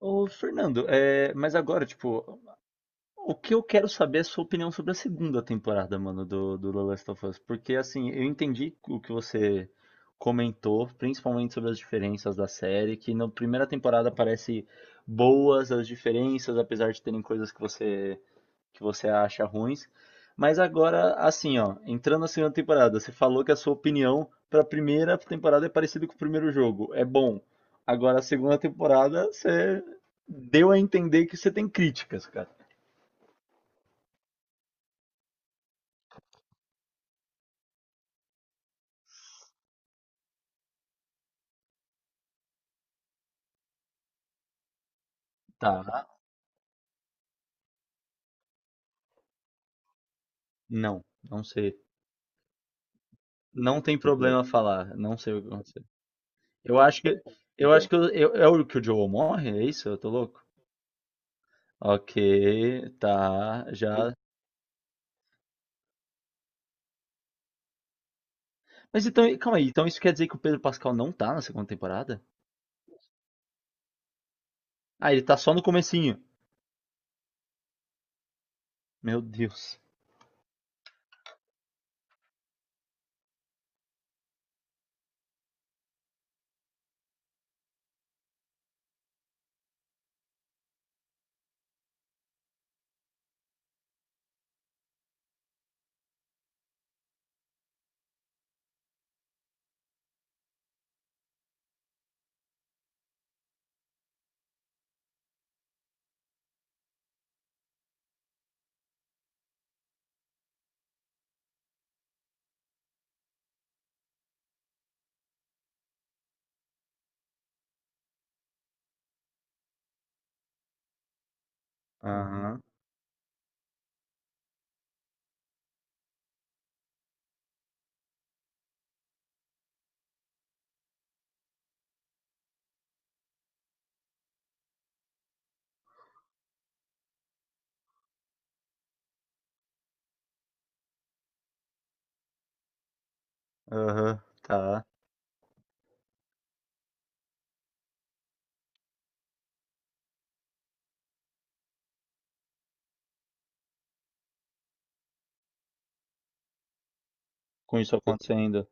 Ô, Fernando, é, mas agora, tipo, o que eu quero saber é a sua opinião sobre a segunda temporada, mano, do The Last of Us. Porque, assim, eu entendi o que você comentou, principalmente sobre as diferenças da série, que na primeira temporada parece boas as diferenças, apesar de terem coisas que você acha ruins. Mas agora, assim, ó, entrando na segunda temporada, você falou que a sua opinião para a primeira temporada é parecida com o primeiro jogo, é bom. Agora, a segunda temporada, você deu a entender que você tem críticas, cara. Tá, não, não sei. Não tem problema falar, não sei o que aconteceu. Eu acho que, eu acho que é o que o Joel morre, é isso? Eu tô louco? Ok, tá, já. Mas então, calma aí, então isso quer dizer que o Pedro Pascal não tá na segunda temporada? Ah, ele tá só no comecinho. Meu Deus. Aham, aham, tá. Com isso acontecendo.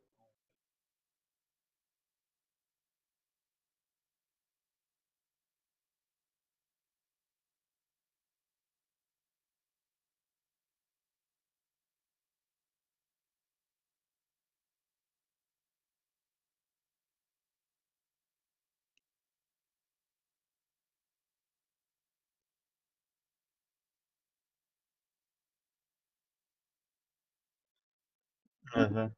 Aham.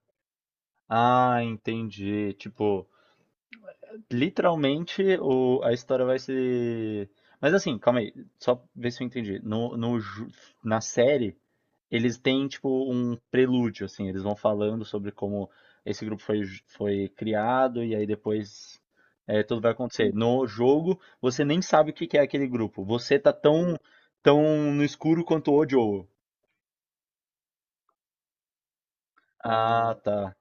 Ah, entendi. Tipo, literalmente, o, a história vai se. Mas assim, calma aí, só ver se eu entendi. No, no, ju- Na série, eles têm tipo um prelúdio, assim, eles vão falando sobre como esse grupo foi, foi criado e aí depois é, tudo vai acontecer. No jogo, você nem sabe o que que é aquele grupo. Você tá tão, tão no escuro quanto o Joel. Ah, tá.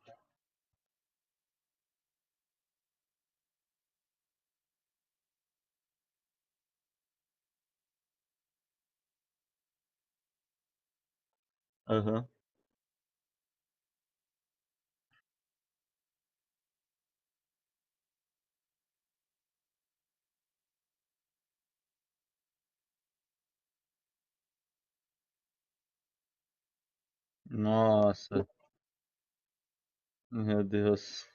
Aham. Nossa, meu Deus.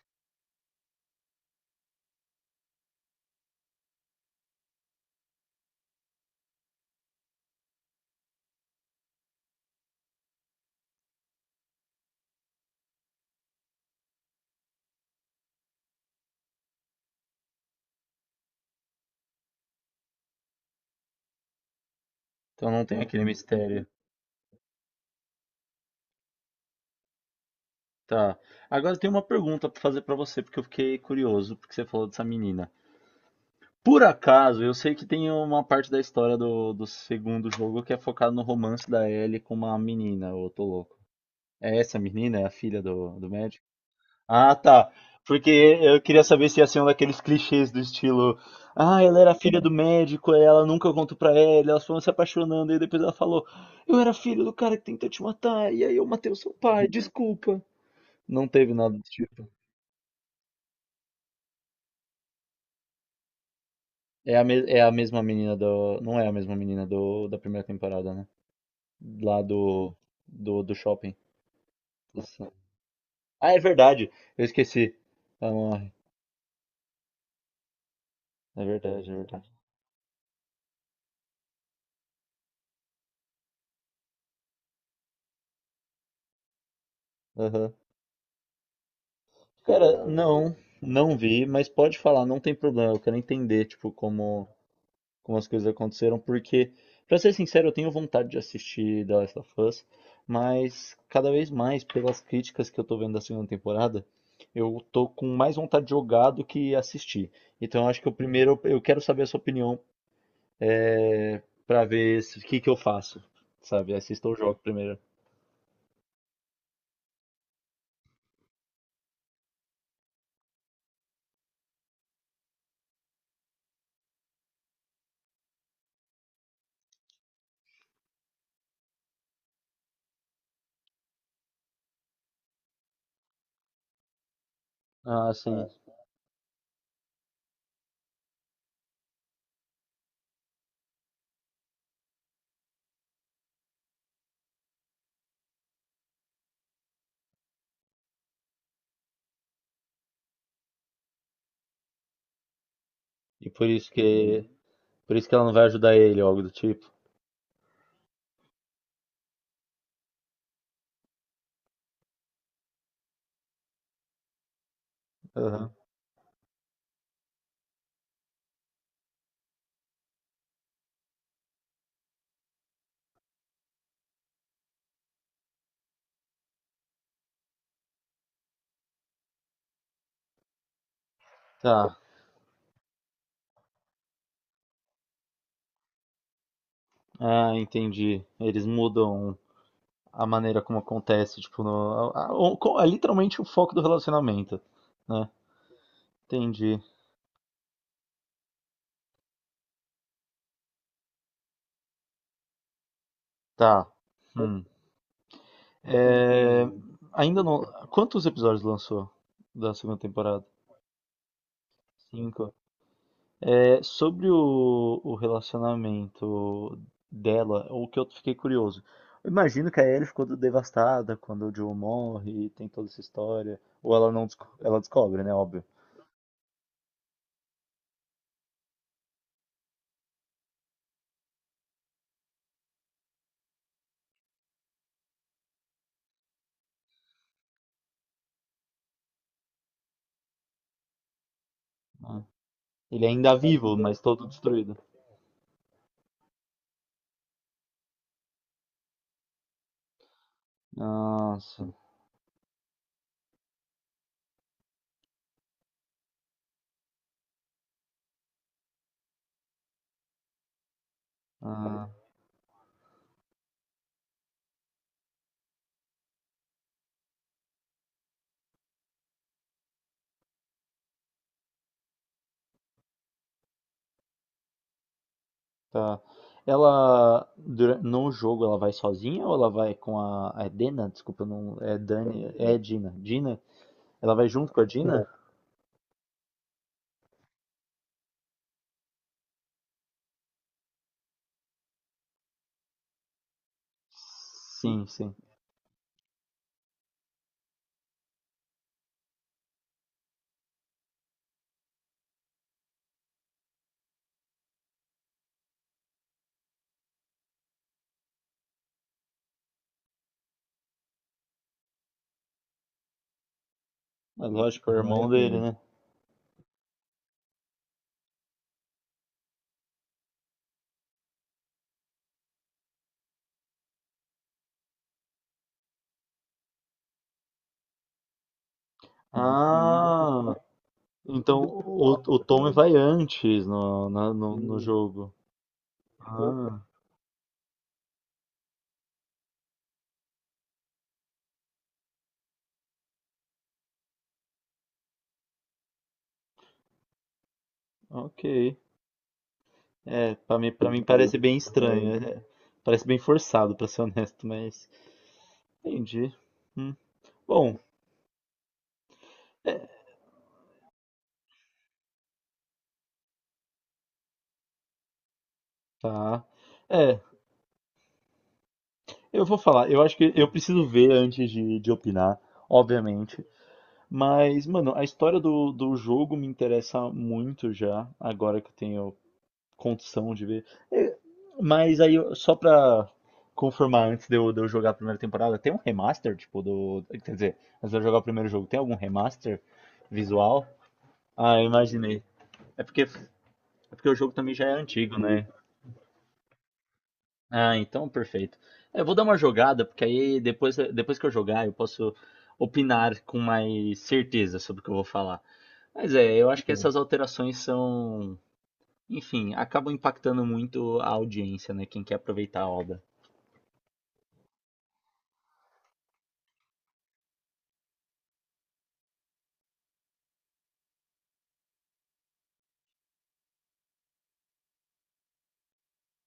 Então não tem aquele mistério. Tá. Agora tem uma pergunta pra fazer pra você, porque eu fiquei curioso, porque você falou dessa menina. Por acaso, eu sei que tem uma parte da história do segundo jogo que é focado no romance da Ellie com uma menina, ô, tô louco. É essa menina? É a filha do médico? Ah, tá. Porque eu queria saber se ia ser um daqueles clichês do estilo. Ah, ela era filha do médico, aí ela nunca contou pra ela, elas foram se apaixonando, e depois ela falou: Eu era filho do cara que tentou te matar, e aí eu matei o seu pai, desculpa. Não teve nada disso. É a, é a mesma menina do. Não é a mesma menina do da primeira temporada, né? Lá do. Do shopping. Nossa. Ah, é verdade. Eu esqueci. Ela morre. É verdade, é verdade. Aham. Cara, não. Não vi, mas pode falar, não tem problema. Eu quero entender, tipo, como. Como as coisas aconteceram, porque, pra ser sincero, eu tenho vontade de assistir The Last of Us, mas cada vez mais, pelas críticas que eu tô vendo da segunda temporada, eu tô com mais vontade de jogar do que assistir. Então eu acho que o primeiro, eu quero saber a sua opinião é, pra ver se- o que que eu faço, sabe? Assista o jogo primeiro. Ah, sim. E por isso que, por isso que ela não vai ajudar ele, ou algo do tipo. Aham. Tá. Ah, entendi. Eles mudam a maneira como acontece, tipo, no, é literalmente o foco do relacionamento, né? Entendi. Tá. Hum. É, ainda não. Quantos episódios lançou da segunda temporada? 5. É, sobre o relacionamento dela, o que eu fiquei curioso. Eu imagino que a Ellie ficou devastada quando o Joe morre, tem toda essa história. Ou ela não ela descobre, né? Óbvio. Né? Ele ainda é vivo, mas todo destruído. Nossa. Ah. Tá. Ela, no jogo, ela vai sozinha ou ela vai com a Dena? Desculpa, eu não, é Dani, é Dina. Dina? Ela vai junto com a Dina? É, sim, sim. Mas lógico, que é o irmão dele, dele. Né? Ah, então o Tommy vai antes no, no, no jogo. Ah, ok. É, pra mim parece bem estranho. É. Parece bem forçado, pra ser honesto, mas entendi. Hum. Bom, é, tá. É, eu vou falar, eu acho que eu preciso ver antes de opinar, obviamente. Mas, mano, a história do jogo me interessa muito já, agora que eu tenho condição de ver. É, mas aí, só pra confirmar antes de eu jogar a primeira temporada, tem um remaster, tipo, do. Quer dizer, antes de eu jogar o primeiro jogo, tem algum remaster visual? Ah, eu imaginei. É porque o jogo também já é antigo, né? Ah, então perfeito. É, eu vou dar uma jogada, porque aí depois, depois que eu jogar eu posso opinar com mais certeza sobre o que eu vou falar. Mas é, eu acho que essas alterações são, enfim, acabam impactando muito a audiência, né? Quem quer aproveitar a obra.